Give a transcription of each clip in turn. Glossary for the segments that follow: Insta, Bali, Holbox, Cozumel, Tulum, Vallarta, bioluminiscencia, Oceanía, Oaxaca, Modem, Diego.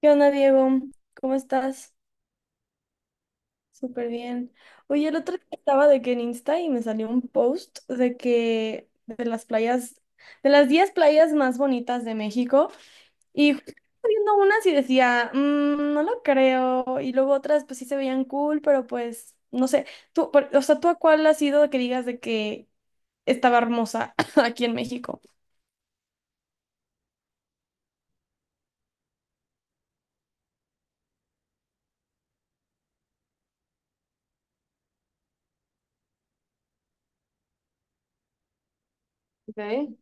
¿Qué onda, Diego? ¿Cómo estás? Súper bien. Oye, el otro día estaba de que en Insta y me salió un post de las playas, de las 10 playas más bonitas de México y justo estaba viendo unas y decía, "Mm, no lo creo", y luego otras pues sí se veían cool, pero pues no sé, tú, o sea, ¿tú a cuál has ido que digas de que estaba hermosa aquí en México? Ok.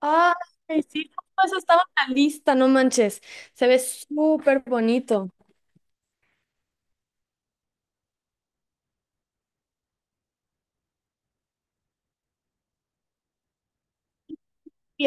Ay, sí, justo eso estaba en la lista, no manches. Se ve súper bonito. Sí,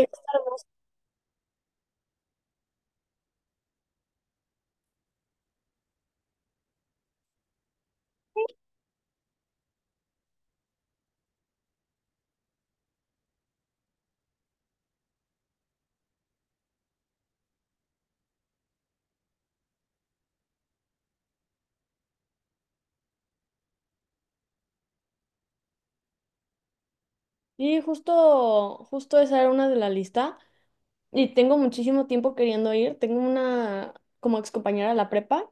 sí, justo, justo esa era una de la lista. Y tengo muchísimo tiempo queriendo ir. Tengo una como excompañera de la prepa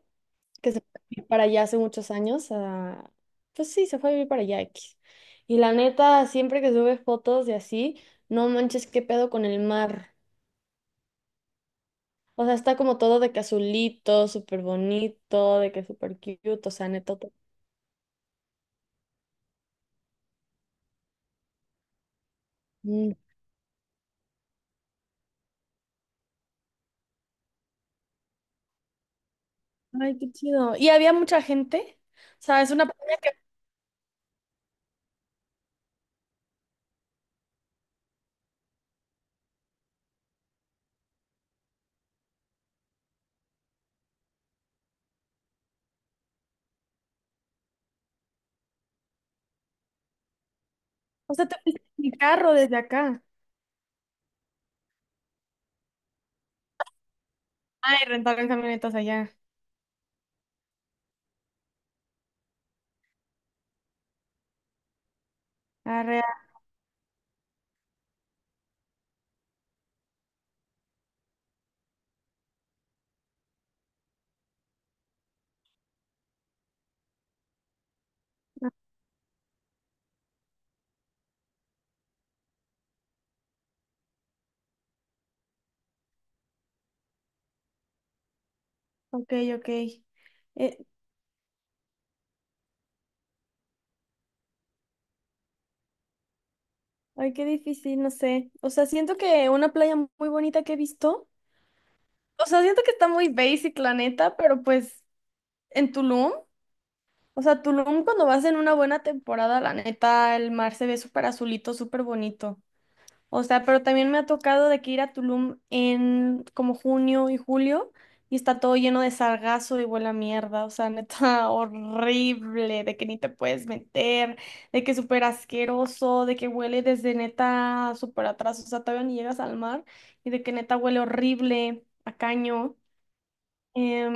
que se fue a vivir para allá hace muchos años. Pues sí, se fue a vivir para allá X. Y la neta, siempre que sube fotos de así, no manches, qué pedo con el mar. O sea, está como todo de que azulito, súper bonito, de que súper cute, o sea, neta. Ay, qué chido. ¿Y había mucha gente? O sea, es una playa que... O sea, te fuiste en mi carro desde acá. Ay, rentaron camionetas allá. Arre, ok, ok. Eh, ay, qué difícil, no sé. O sea, siento que una playa muy bonita que he visto. O sea, siento que está muy basic, la neta, pero pues en Tulum. O sea, Tulum cuando vas en una buena temporada, la neta, el mar se ve súper azulito, súper bonito. O sea, pero también me ha tocado de que ir a Tulum en como junio y julio y está todo lleno de sargazo y huele a mierda. O sea, neta, horrible, de que ni te puedes meter, de que es súper asqueroso, de que huele desde neta súper atrás. O sea, todavía ni llegas al mar y de que neta huele horrible a caño. Em,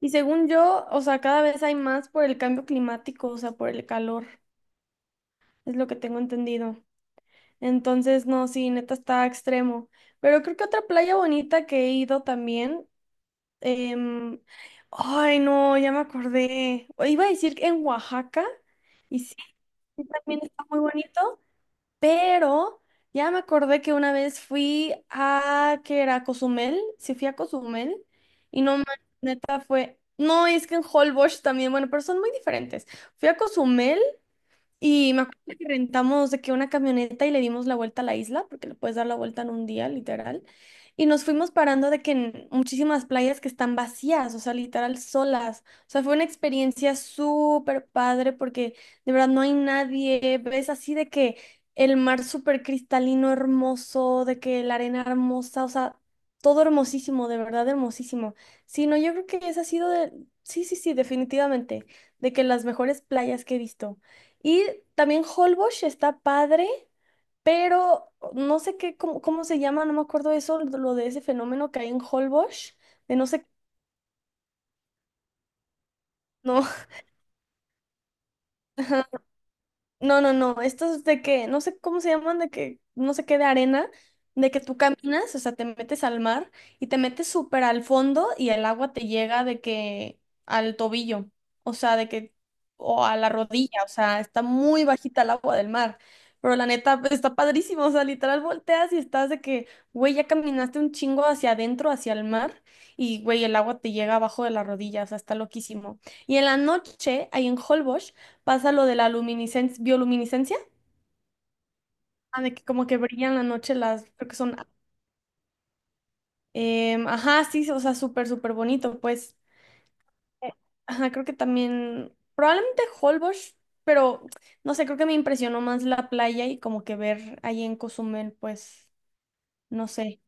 y según yo, o sea, cada vez hay más por el cambio climático, o sea, por el calor. Es lo que tengo entendido. Entonces, no, sí, neta está extremo. Pero creo que otra playa bonita que he ido también, em, ay, no, ya me acordé. O iba a decir que en Oaxaca, y sí, sí, también está muy bonito, pero ya me acordé que una vez fui a, que era Cozumel, sí fui a Cozumel, y no me fue. No, es que en Holbox también, bueno, pero son muy diferentes. Fui a Cozumel y me acuerdo que rentamos de que una camioneta y le dimos la vuelta a la isla, porque le puedes dar la vuelta en un día, literal. Y nos fuimos parando de que en muchísimas playas que están vacías, o sea, literal solas. O sea, fue una experiencia súper padre porque de verdad no hay nadie. Ves así de que el mar súper cristalino, hermoso, de que la arena hermosa, o sea, todo hermosísimo, de verdad hermosísimo. Sí, no, yo creo que esa ha sido de... Sí, sí, sí, definitivamente, de que las mejores playas que he visto. Y también Holbox está padre, pero no sé qué, cómo se llama, no me acuerdo eso, lo de ese fenómeno que hay en Holbox, de no sé, no. No, no, no, estos no sé cómo se llaman, no sé qué, de arena, de que tú caminas, o sea, te metes al mar y te metes súper al fondo y el agua te llega de que al tobillo, o sea, de que, o a la rodilla, o sea, está muy bajita el agua del mar, pero la neta pues, está padrísimo, o sea, literal volteas y estás de que, güey, ya caminaste un chingo hacia adentro, hacia el mar y, güey, el agua te llega abajo de la rodilla, o sea, está loquísimo. Y en la noche, ahí en Holbox, pasa lo de la luminiscencia, bioluminiscencia, ah, de que como que brillan la noche las, creo que son, ajá, sí, o sea, súper, súper bonito, pues, Eh, ajá, creo que también, probablemente Holbox, pero, no sé, creo que me impresionó más la playa y como que ver ahí en Cozumel, pues, no sé,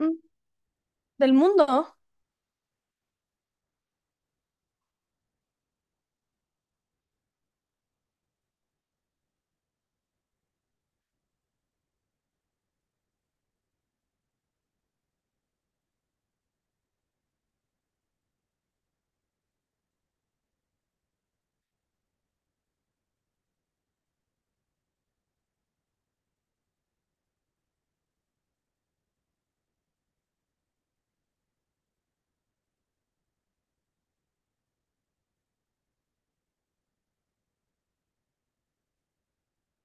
mm, del mundo,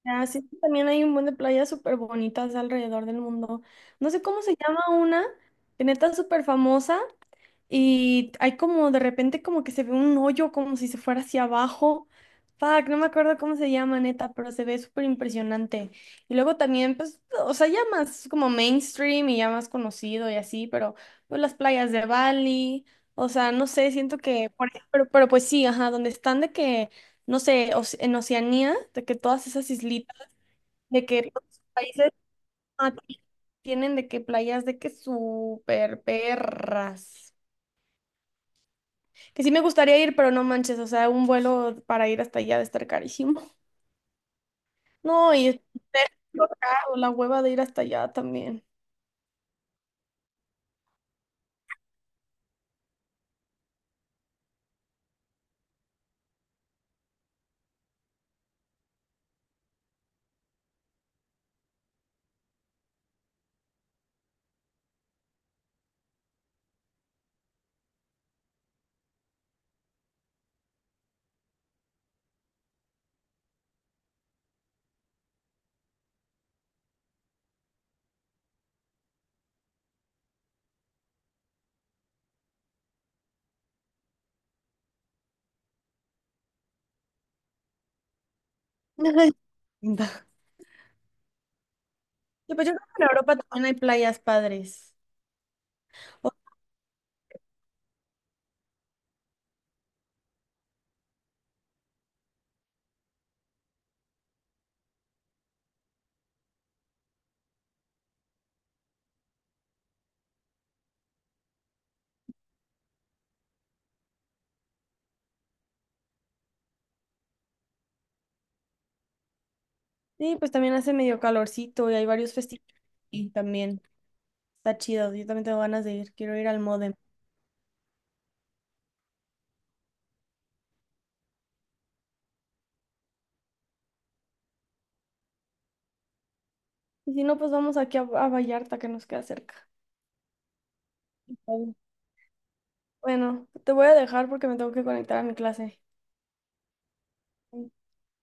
ah, sí, también hay un buen de playas súper bonitas alrededor del mundo, no sé cómo se llama una, que neta es súper famosa, y hay como de repente como que se ve un hoyo como si se fuera hacia abajo. Fuck, no me acuerdo cómo se llama, neta, pero se ve súper impresionante. Y luego también, pues, o sea, ya más como mainstream y ya más conocido y así, pero pues las playas de Bali, o sea, no sé, siento que, pero pues sí, ajá, donde están de que, no sé, en Oceanía, de que todas esas islitas, de que todos los países ah, tienen de que playas de que súper perras. Que sí me gustaría ir, pero no manches, o sea, un vuelo para ir hasta allá de estar carísimo. No, y es lo caro, la hueva de ir hasta allá también. Ay, linda. Sí, pues yo creo que en Europa también hay playas padres. O- sí, pues también hace medio calorcito y hay varios festivales. Y también está chido, yo también tengo ganas de ir, quiero ir al Modem. Y si no, pues vamos aquí a Vallarta, que nos queda cerca. Está bien. Bueno, te voy a dejar porque me tengo que conectar a mi clase.